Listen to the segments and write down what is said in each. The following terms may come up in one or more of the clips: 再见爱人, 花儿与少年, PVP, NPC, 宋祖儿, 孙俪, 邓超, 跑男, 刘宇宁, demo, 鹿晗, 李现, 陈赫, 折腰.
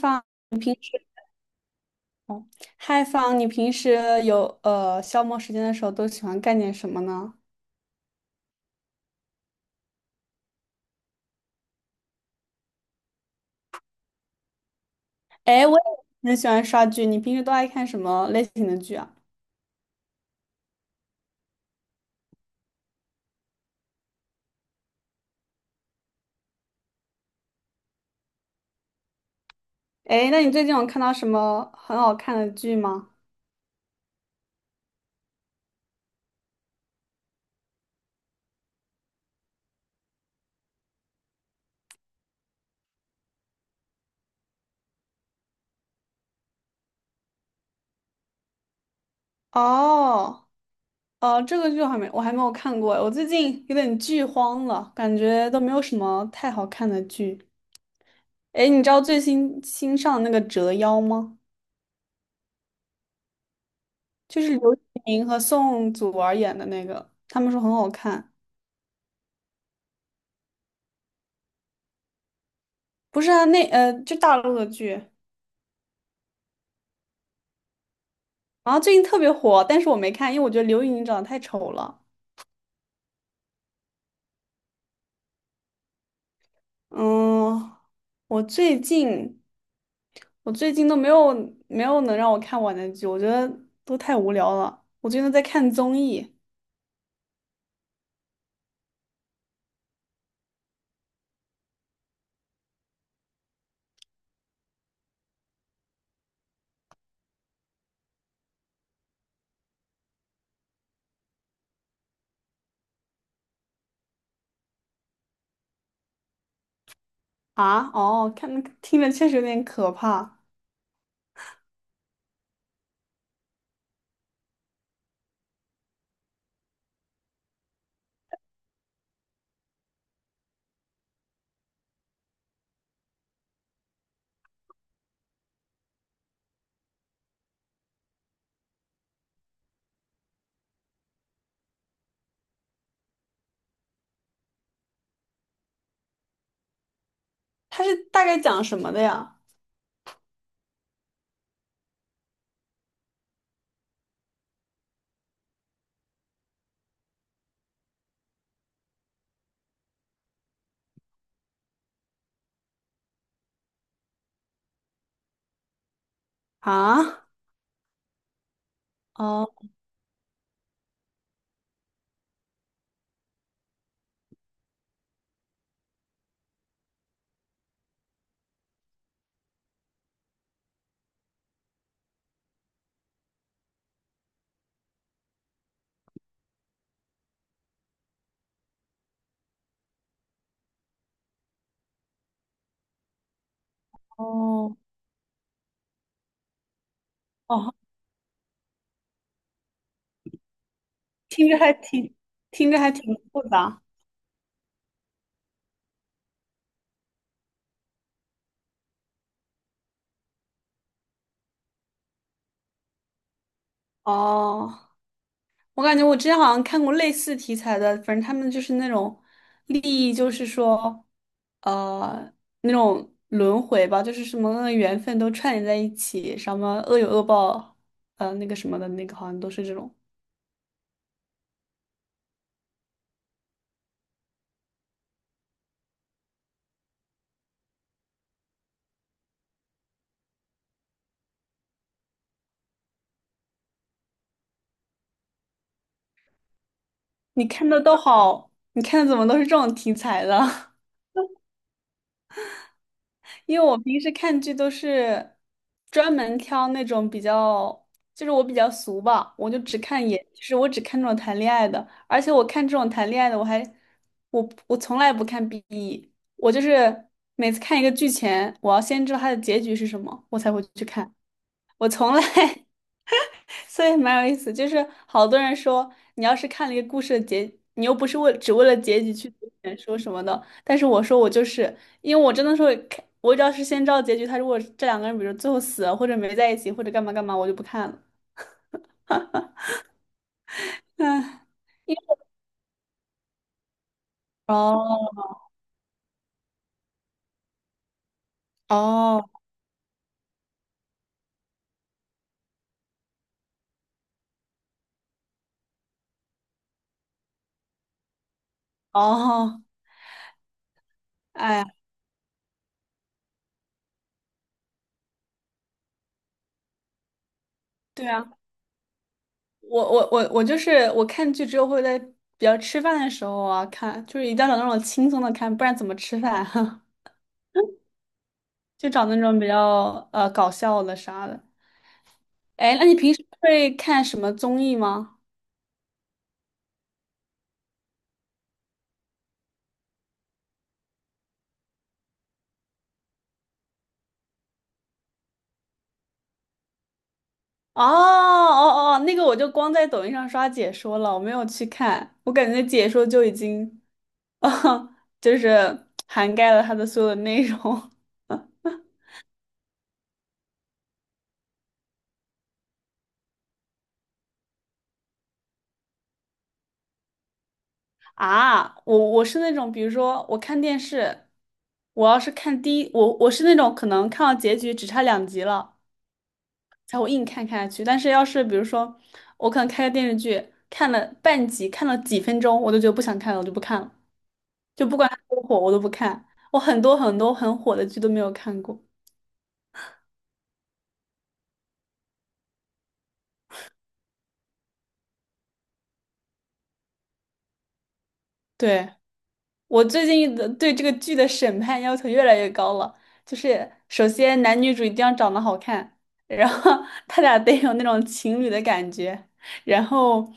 放你平时，哦，嗨，放你平时有消磨时间的时候都喜欢干点什么呢？哎，我也很喜欢刷剧，你平时都爱看什么类型的剧啊？哎，那你最近有看到什么很好看的剧吗？哦，这个剧我还没有看过，我最近有点剧荒了，感觉都没有什么太好看的剧。哎，你知道最新新上的那个《折腰》吗？就是刘宇宁和宋祖儿演的那个，他们说很好看。不是啊，那就大陆的剧，然后最近特别火，但是我没看，因为我觉得刘宇宁长得太丑了。嗯，我最近我最近都没有没有能让我看完的剧，我觉得都太无聊了。我最近都在看综艺啊。哦，看听着确实有点可怕。它是大概讲什么的呀？啊，哦哦哦，听着还挺听着还挺复杂哦。我感觉我之前好像看过类似题材的，反正他们就是那种利益，就是说，呃，那种轮回吧，就是什么缘分都串联在一起，什么恶有恶报，那个什么的那个，好像都是这种。你看的都好，你看的怎么都是这种题材的？因为我平时看剧都是专门挑那种比较，就是我比较俗吧，我就只看演，就是我只看这种谈恋爱的，而且我看这种谈恋爱的，我还我从来不看 BE，我就是每次看一个剧前，我要先知道它的结局是什么，我才会去看，我从来 所以蛮有意思，就是好多人说，你要是看了一个故事的结，你又不是为只为了结局去读原书什么的。但是我说我就是，因为我真的说看，我只要是先知道结局，他如果这两个人比如最后死了，或者没在一起，或者干嘛干嘛，我就不看了。唉，哦哦哦，哎呀，对啊，我就是我看剧之后会在比较吃饭的时候啊看，就是一定要找那种轻松的看，不然怎么吃饭啊？就找那种比较搞笑的啥的。哎，那你平时会看什么综艺吗？哦哦哦，那个我就光在抖音上刷解说了，我没有去看，我感觉解说就已经，就是涵盖了它的所有的内容 啊。我我是那种，比如说我看电视，我要是看第一，我我是那种可能看到结局只差两集了，才会硬看看下去。但是要是比如说我可能开个电视剧，看了半集，看了几分钟，我就觉得不想看了，我就不看了。就不管它多火，我都不看。我很多很火的剧都没有看过。对，我最近的对这个剧的审判要求越来越高了，就是首先男女主一定要长得好看，然后 他俩得有那种情侣的感觉，然后。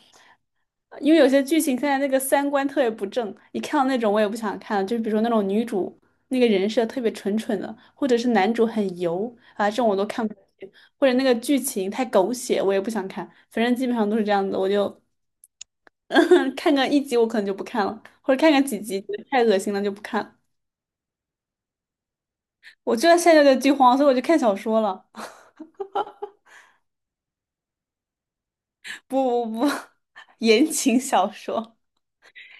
因为有些剧情现在那个三观特别不正，一看到那种我也不想看了。就比如说那种女主那个人设特别蠢蠢的，或者是男主很油啊，这种我都看不下去，或者那个剧情太狗血，我也不想看。反正基本上都是这样子，我就 看个一集我可能就不看了，或者看个几集觉得太恶心了就不看了。我就在现在的剧荒，所以我就看小说了，不不不，言情小说。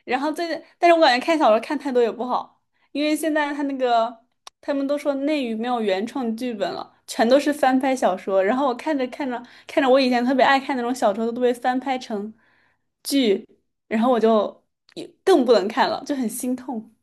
然后最近，但是我感觉看小说看太多也不好，因为现在他那个他们都说内娱没有原创剧本了，全都是翻拍小说。然后我看着看着，我以前特别爱看那种小说都被翻拍成剧，然后我就也更不能看了，就很心痛。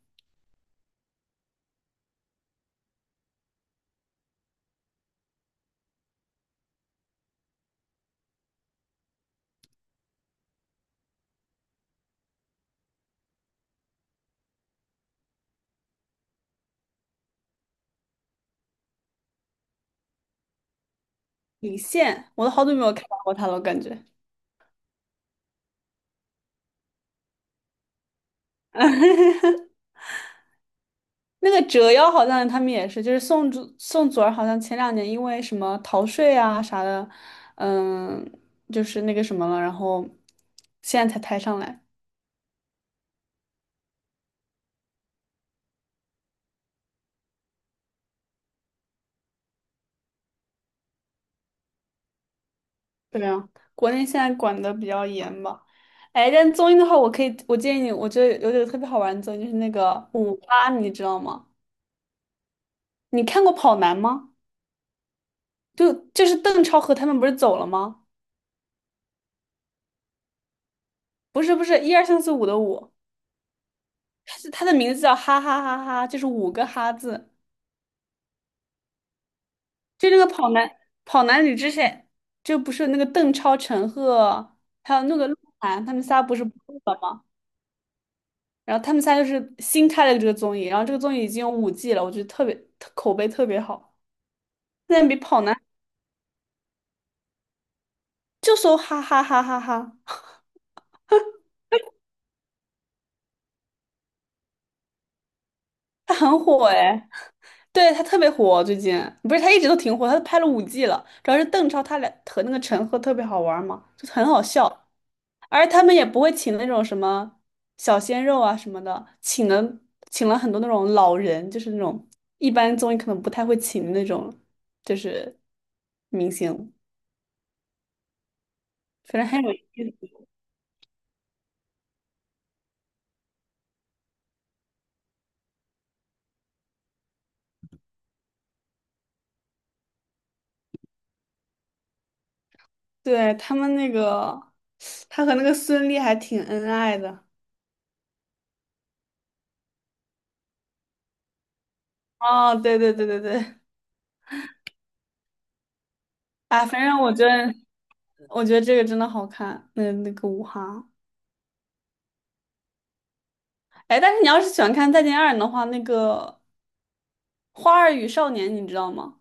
李现，我都好久没有看到过他了，我感觉。那个折腰好像他们也是，就是宋祖儿好像前两年因为什么逃税啊啥的，嗯，就是那个什么了，然后现在才抬上来。对啊，国内现在管的比较严吧。哎，但综艺的话，我可以，我建议你，我觉得有点特别好玩的综艺，就是那个五八，你知道吗？你看过《跑男》吗？就是邓超和他们不是走了吗？不是不是，一二三四五的五，他是他的名字叫哈哈哈哈，就是五个哈字。就那个跑男里之前，就不是那个邓超、陈赫，还有那个鹿晗，他们仨不是不录了吗？然后他们仨就是新开了这个综艺，然后这个综艺已经有五季了，我觉得特别特口碑特别好，现在比跑男就搜哈哈哈哈哈，他很火哎，对他特别火最近，不是他一直都挺火，他都拍了五季了，主要是邓超他俩和那个陈赫特别好玩嘛，就很好笑。而他们也不会请那种什么小鲜肉啊什么的，请了很多那种老人，就是那种一般综艺可能不太会请的那种，就是明星，反正很有意思。对，他们那个，他和那个孙俪还挺恩爱的。哦，对对对对对，啊，反正我觉得这个真的好看，那那个舞哈，哎，但是你要是喜欢看《再见爱人》的话，那个《花儿与少年》你知道吗？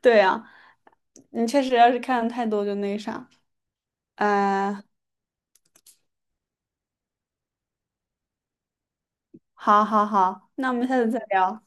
对呀、你确实要是看的太多就那啥。嗯，好好好，那我们下次再聊。